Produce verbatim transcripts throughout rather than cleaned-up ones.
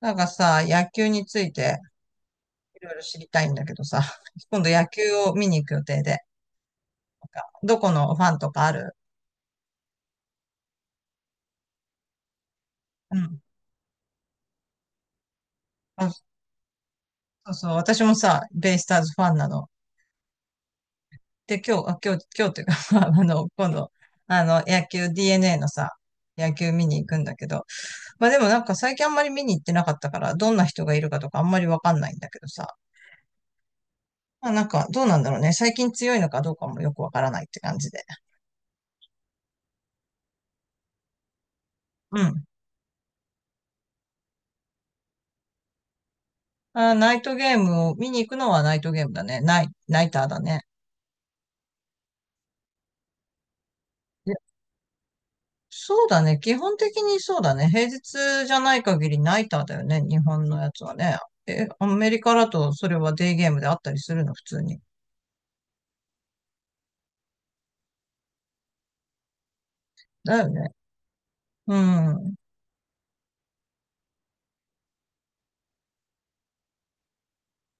なんかさ、野球についていろいろ知りたいんだけどさ、今度野球を見に行く予定で、なんかどこのファンとかある。うん。あ、そうそう、私もさ、ベイスターズファンなの。で、今日、あ、今日、今日っていうか、まああの、今度、あの、野球 ディーエヌエー のさ、野球見に行くんだけど、まあでもなんか最近あんまり見に行ってなかったから、どんな人がいるかとかあんまりわかんないんだけどさ、まあなんかどうなんだろうね。最近強いのかどうかもよくわからないって感じで。うん。あー、ナイトゲームを見に行くのはナイトゲームだね。ナイ、ナイターだね。いや、そうだね。基本的にそうだね。平日じゃない限りナイターだよね。日本のやつはね。え、アメリカだとそれはデイゲームであったりするの、普通に。だよね。うん。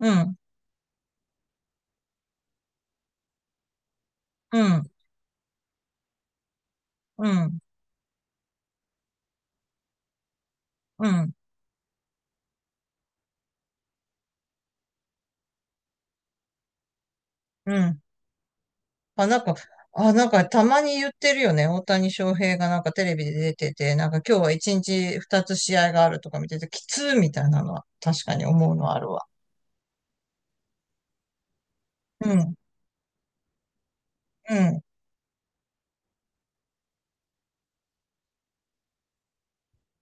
うん。うん。うん。うん。うん。あ、なんか、あ、なんかたまに言ってるよね。大谷翔平がなんかテレビで出てて、なんか今日は一日二つ試合があるとか見てて、きつーみたいなのは確かに思うのはあるわ。うん。うん。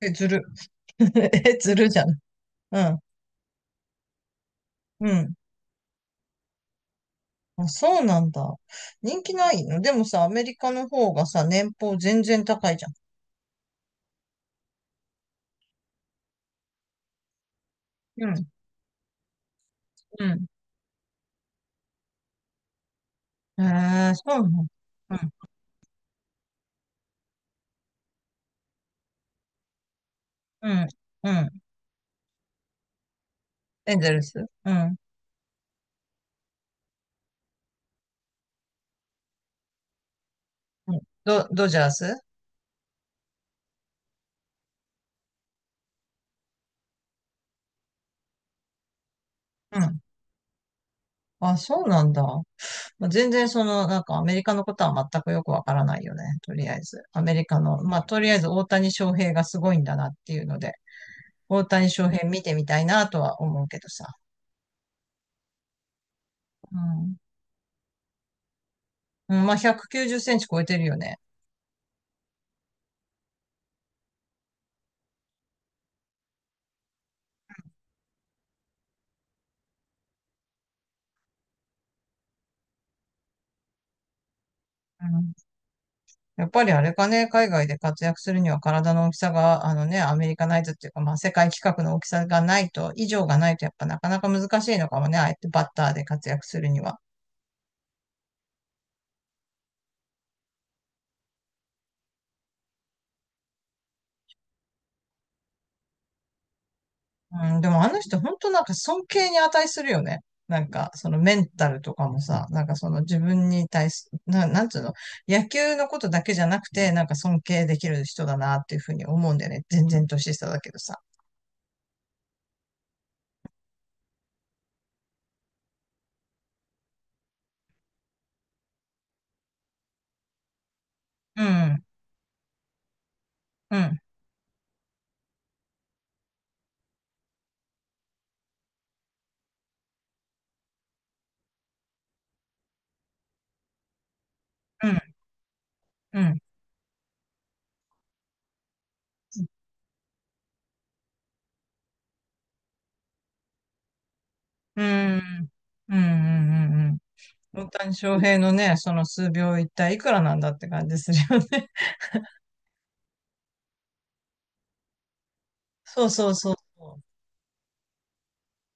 え、ずる。え、ずるじゃん。うん。うん。あ、そうなんだ。人気ないの。でもさ、アメリカの方がさ、年俸全然高いじゃん。うん。うん。えー、そうなの。うん。うん。うん。エンゼルス。うん。うん、ド、ドジャース。うん。あ、そうなんだ。まあ、全然その、なんかアメリカのことは全くよくわからないよね。とりあえず。アメリカの、まあ、とりあえず大谷翔平がすごいんだなっていうので、大谷翔平見てみたいなとは思うけどさ。うん。うん、まあ、ひゃくきゅうじゅっセンチ超えてるよね。うん。やっぱりあれかね、海外で活躍するには体の大きさが、あのね、アメリカナイズっていうか、まあ、世界規格の大きさがないと、以上がないと、やっぱなかなか難しいのかもね、あえてバッターで活躍するには。うん、でもあの人、本当なんか尊敬に値するよね。なんか、そのメンタルとかもさ、なんかその自分に対す、な、なんつうの、野球のことだけじゃなくて、なんか尊敬できる人だなっていうふうに思うんだよね。全然年下だけどさ。うん、うん、うん、うん。うん。うんうんうんうん。大谷翔平のね、その数秒一体いくらなんだって感じするよね。そうそうそうそう。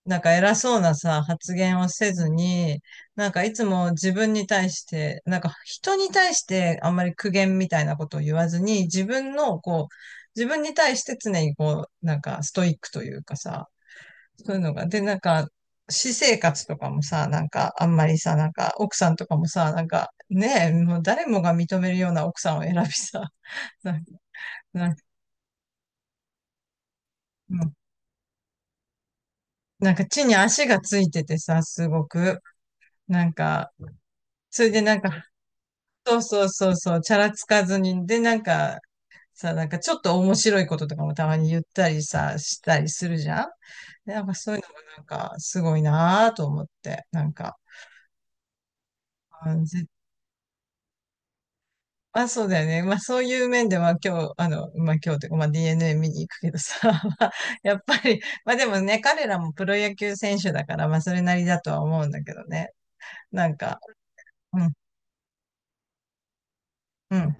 なんか偉そうなさ、発言をせずに、なんかいつも自分に対して、なんか人に対してあんまり苦言みたいなことを言わずに、自分のこう、自分に対して常にこう、なんかストイックというかさ、そういうのが。で、なんか、私生活とかもさ、なんか、あんまりさ、なんか、奥さんとかもさ、なんか、ねえ、もう誰もが認めるような奥さんを選びさ、なんか、なんか、うん、なんか地に足がついててさ、すごく、なんか、それでなんか、そうそうそうそう、チャラつかずに、で、なんか、さ、なんかちょっと面白いこととかもたまに言ったりさ、したりするじゃん。でなんかそういうのがなんか、すごいなぁと思って、なんか、うん、あ、そうだよね。まあそういう面では今日、あの、まあ今日というか、まあ ディーエヌエー 見に行くけどさ、まあやっぱり、まあでもね、彼らもプロ野球選手だから、まあそれなりだとは思うんだけどね。なんか、うん、うん。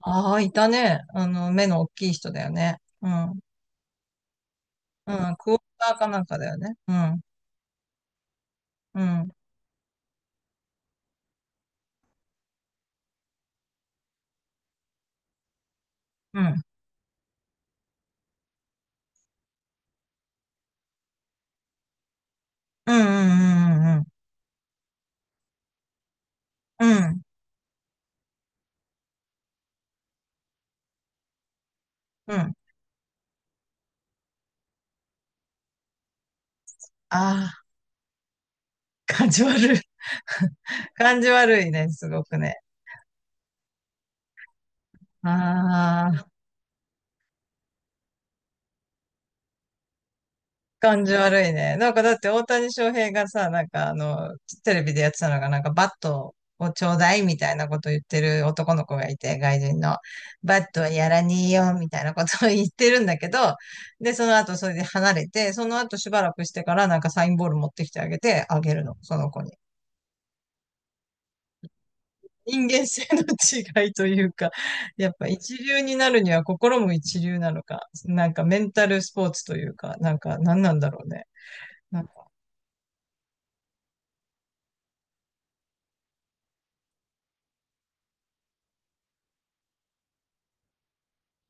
ああ、いたね。あの、目の大きい人だよね。うん、うん、クォーターかなんかだよね。うん、うん、うん、うん、うん、うん、うん、うん、うん。ああー、感じ悪い。感じ悪いね、すごくね。ああ。感じ悪いね。なんかだって大谷翔平がさ、なんかあの、テレビでやってたのが、なんかバットをちょうだいみたいなことを言ってる男の子がいて、外人の。バットはやらにえよみたいなことを言ってるんだけど、で、その後それで離れて、その後しばらくしてからなんかサインボール持ってきてあげて、あげるの、その子に。人間性の違いというか、やっぱ一流になるには心も一流なのか、なんかメンタルスポーツというか、なんか何なんだろうね。なんか、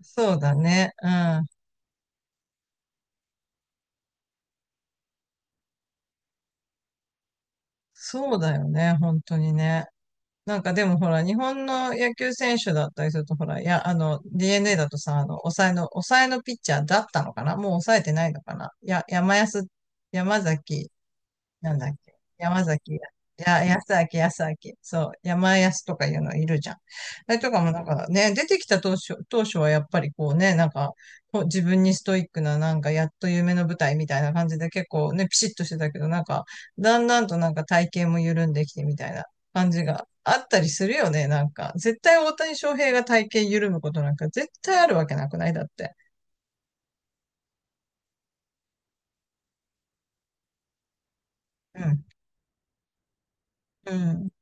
そうだね。うん。そうだよね、本当にね。なんかでもほら、日本の野球選手だったりすると、ほら、いや、あの、ディーエヌエー だとさ、あの、抑えの、抑えのピッチャーだったのかな。もう抑えてないのかな。や、山安、山崎なんだっけ。山崎や、いや、安明、安明。そう、山安とかいうのいるじゃん。あれとかもなんかね、出てきた当初、当初はやっぱりこうね、なんか、こう自分にストイックな、なんか、やっと夢の舞台みたいな感じで結構ね、ピシッとしてたけど、なんか、だんだんとなんか体型も緩んできてみたいな感じがあったりするよね、なんか。絶対大谷翔平が体型緩むことなんか絶対あるわけなくないだって。うん。うん。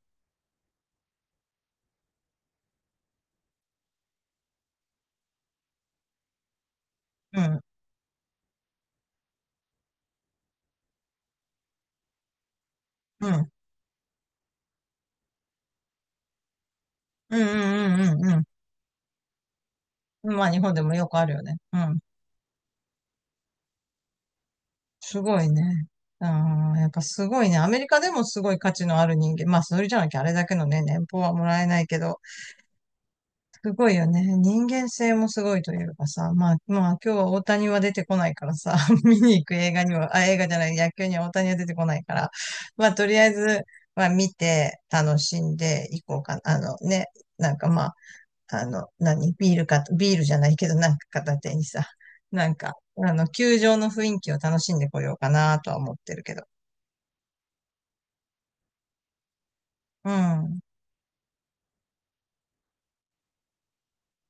うん。うん。うん。うん。うん。うん。まあ、日本でもよくあるよね。うん。すごいね。ああ、やっぱすごいね。アメリカでもすごい価値のある人間。まあ、それじゃなきゃあれだけのね、年俸はもらえないけど、すごいよね。人間性もすごいというかさ、まあ、まあ、今日は大谷は出てこないからさ、見に行く映画には、あ、映画じゃない、野球には大谷は出てこないから、まあ、とりあえず、まあ、見て、楽しんでいこうかな。あのね、なんかまあ、あの、何ビールか、ビールじゃないけど、なんか片手にさ、なんか、あの、球場の雰囲気を楽しんでこようかなとは思ってるけど。うん。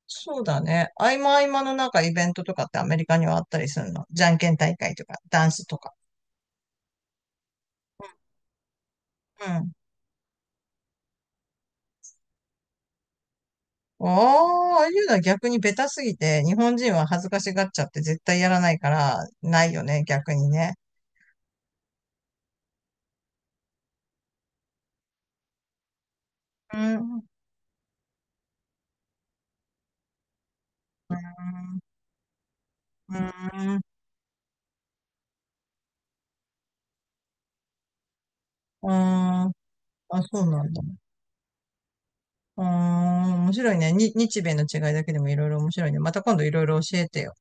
そうだね。合間合間のなんかイベントとかってアメリカにはあったりするの。じゃんけん大会とか、ダンスとか。うん。ああ、ああいうのは逆にベタすぎて、日本人は恥ずかしがっちゃって絶対やらないから、ないよね、逆にね。うん。うん。うん。うん。あ、そうなんだ。うーん、面白いね。に、日米の違いだけでもいろいろ面白いね。また今度いろいろ教えてよ。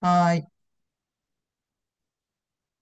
はーい。